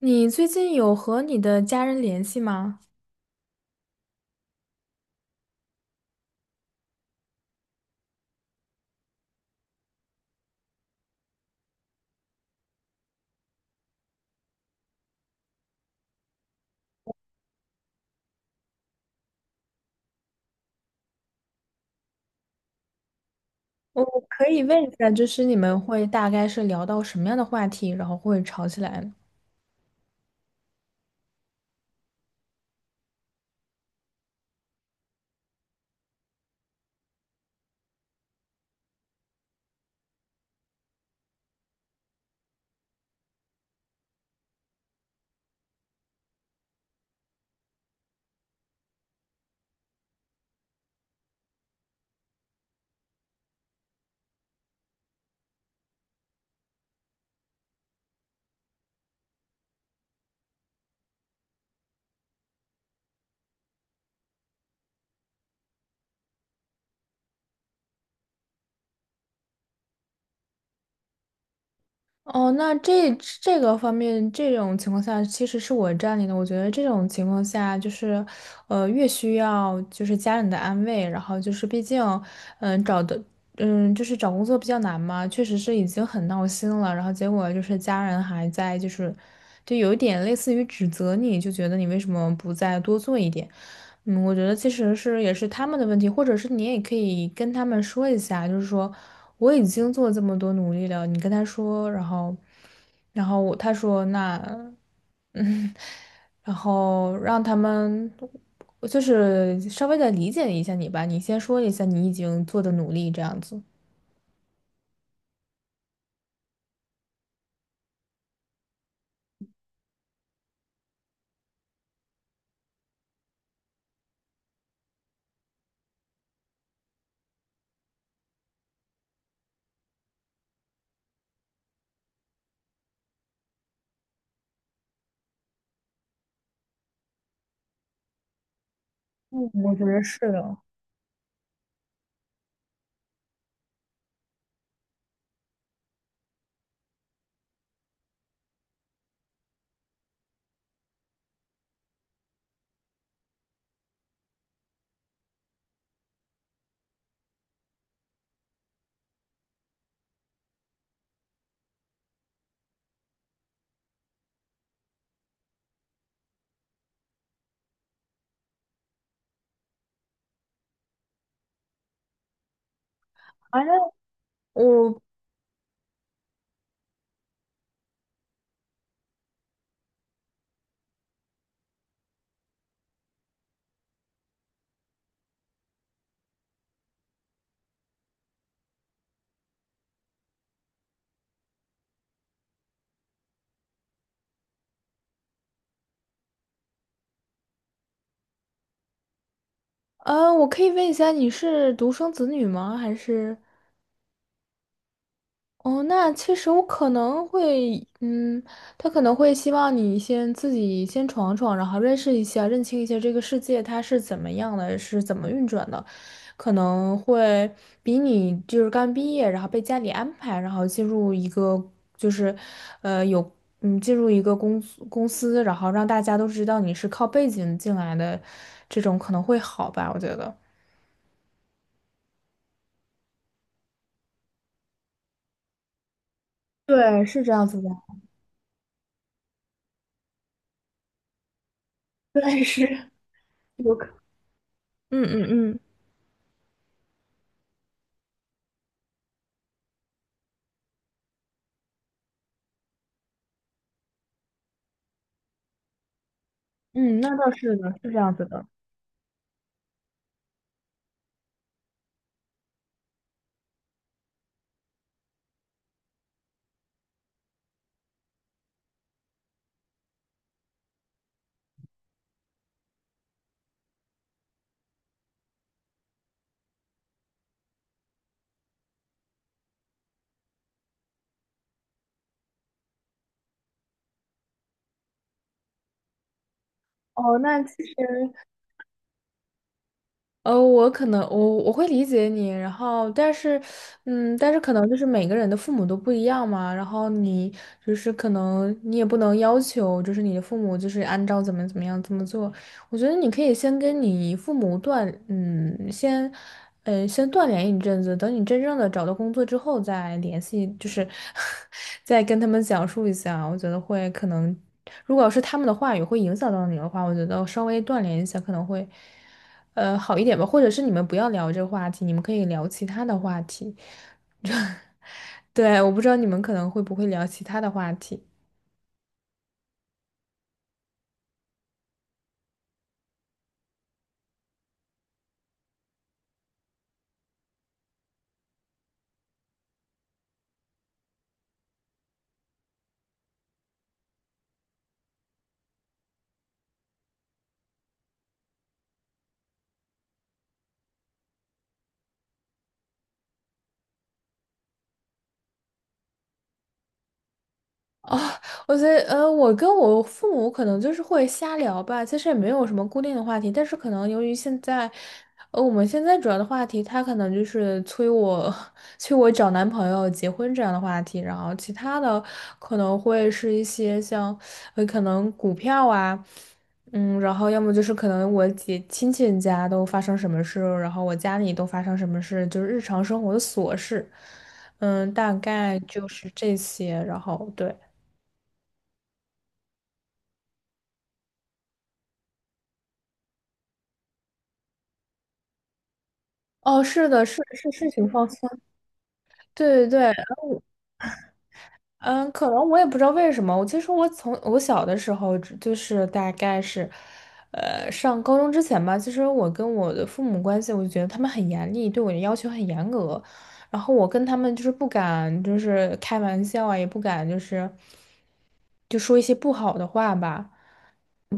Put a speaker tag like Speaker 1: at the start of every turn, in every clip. Speaker 1: 你最近有和你的家人联系吗？我可以问一下，就是你们会大概是聊到什么样的话题，然后会吵起来呢？哦，那这个方面，这种情况下其实是我占理的。我觉得这种情况下，就是，越需要就是家人的安慰，然后就是毕竟，嗯、找的就是找工作比较难嘛，确实是已经很闹心了，然后结果就是家人还在，就有一点类似于指责你，就觉得你为什么不再多做一点？嗯，我觉得其实是也是他们的问题，或者是你也可以跟他们说一下，就是说我已经做这么多努力了，你跟他说，然后然后我他说那嗯，然后让他们。就是稍微的理解一下你吧，你先说一下你已经做的努力这样子。嗯，我觉得是的。反正我，我可以问一下，你是独生子女吗？还是？哦，那其实我可能会，嗯，他可能会希望你先自己先闯闯，然后认识一下、认清一下这个世界它是怎么样的，是怎么运转的，可能会比你就是刚毕业，然后被家里安排，然后进入一个就是，呃，有进入一个公司，然后让大家都知道你是靠背景进来的，这种可能会好吧，我觉得。对，是这样子的。对，是有可，嗯嗯嗯。嗯，那倒是的，是这样子的。哦，那其实，我可能我会理解你，然后但是，嗯，但是可能就是每个人的父母都不一样嘛，然后你就是可能你也不能要求就是你的父母就是按照怎么怎么样怎么做，我觉得你可以先跟你父母断，嗯，先，嗯，先断联一阵子，等你真正的找到工作之后再联系，就是 再跟他们讲述一下，我觉得会可能，如果要是他们的话语会影响到你的话，我觉得稍微断联一下可能会。好一点吧，或者是你们不要聊这个话题，你们可以聊其他的话题。对，我不知道你们可能会不会聊其他的话题。哦，我觉得，我跟我父母可能就是会瞎聊吧，其实也没有什么固定的话题，但是可能由于现在，我们现在主要的话题，他可能就是催我，催我找男朋友、结婚这样的话题，然后其他的可能会是一些像，可能股票啊，嗯，然后要么就是可能我姐亲戚家都发生什么事，然后我家里都发生什么事，就是日常生活的琐事，嗯，大概就是这些，然后对。哦，是的，是是是挺放松，对对对，然后嗯，可能我也不知道为什么，我其实从我小的时候只就是大概是，上高中之前吧，其实我跟我的父母关系，我就觉得他们很严厉，对我的要求很严格，然后我跟他们就是不敢就是开玩笑啊，也不敢就是说一些不好的话吧。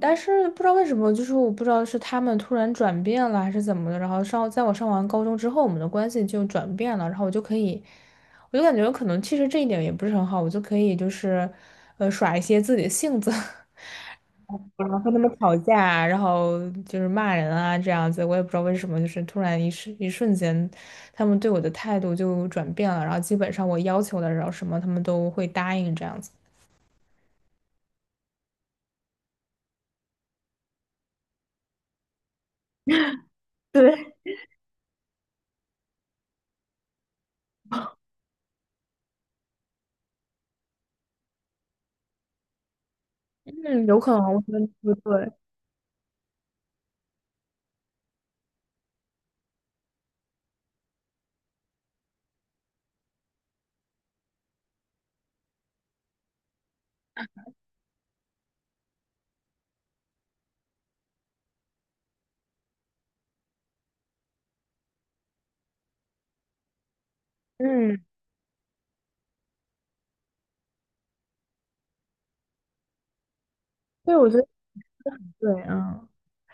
Speaker 1: 但是不知道为什么，就是我不知道是他们突然转变了还是怎么的，然后上在我上完高中之后，我们的关系就转变了，然后我就可以，我就感觉可能其实这一点也不是很好，我就可以就是，耍一些自己的性子，然后和他们吵架啊然后就是骂人啊这样子，我也不知道为什么，就是突然一瞬间，他们对我的态度就转变了，然后基本上我要求的，然后什么他们都会答应这样子。对，嗯，有可能，我觉得不对。嗯，对，我觉得。对，嗯，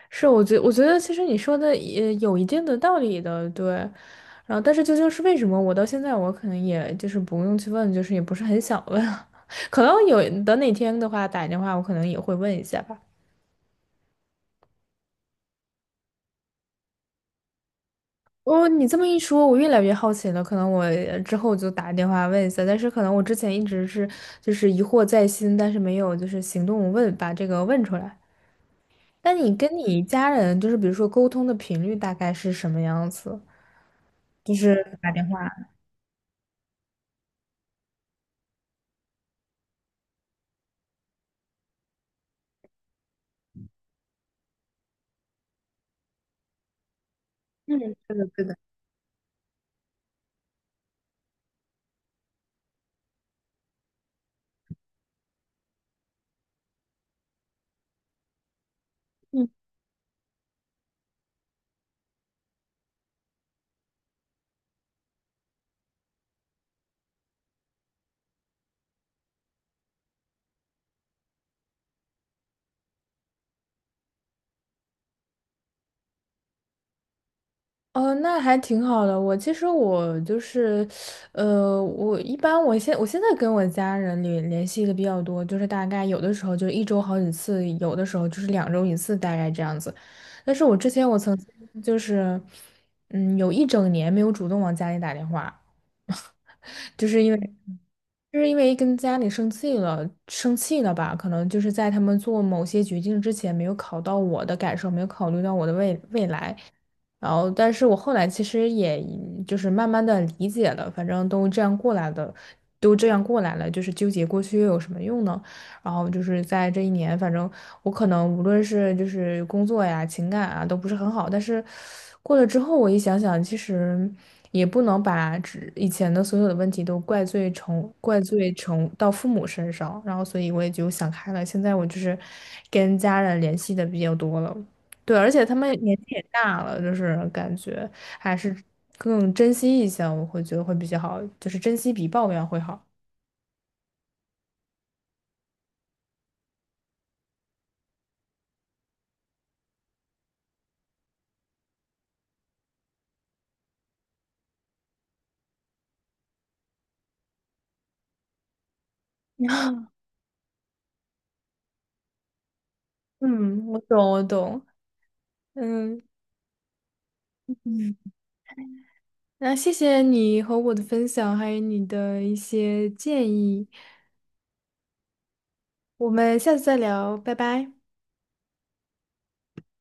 Speaker 1: 是，我觉得其实你说的也有一定的道理的，对。然后，但是究竟是为什么，我到现在我可能也就是不用去问，就是也不是很想问。可能有等哪天的话打电话，我可能也会问一下吧。哦，你这么一说，我越来越好奇了。可能我之后就打电话问一下，但是可能我之前一直是就是疑惑在心，但是没有就是行动问，把这个问出来。那你跟你家人就是比如说沟通的频率大概是什么样子？就是打电话。哦，那还挺好的。我其实我就是，我一般我现在跟我家人联系的比较多，就是大概有的时候就一周好几次，有的时候就是两周一次，大概这样子。但是我之前我曾经就是，嗯，有一整年没有主动往家里打电话，就是因为。就是因为跟家里生气了，生气了吧？可能就是在他们做某些决定之前，没有考到我的感受，没有考虑到我的未来，然后，但是我后来其实也就是慢慢的理解了，反正都这样过来的，都这样过来了，就是纠结过去又有什么用呢？然后就是在这一年，反正我可能无论是就是工作呀、情感啊，都不是很好，但是过了之后，我一想想，其实也不能把只以前的所有的问题都怪罪成到父母身上，然后所以我也就想开了，现在我就是跟家人联系的比较多了。对，而且他们年纪也大了，就是感觉还是更珍惜一下，我会觉得会比较好，就是珍惜比抱怨会好。嗯，我懂，我懂。嗯嗯，那谢谢你和我的分享，还有你的一些建议，我们下次再聊，拜拜。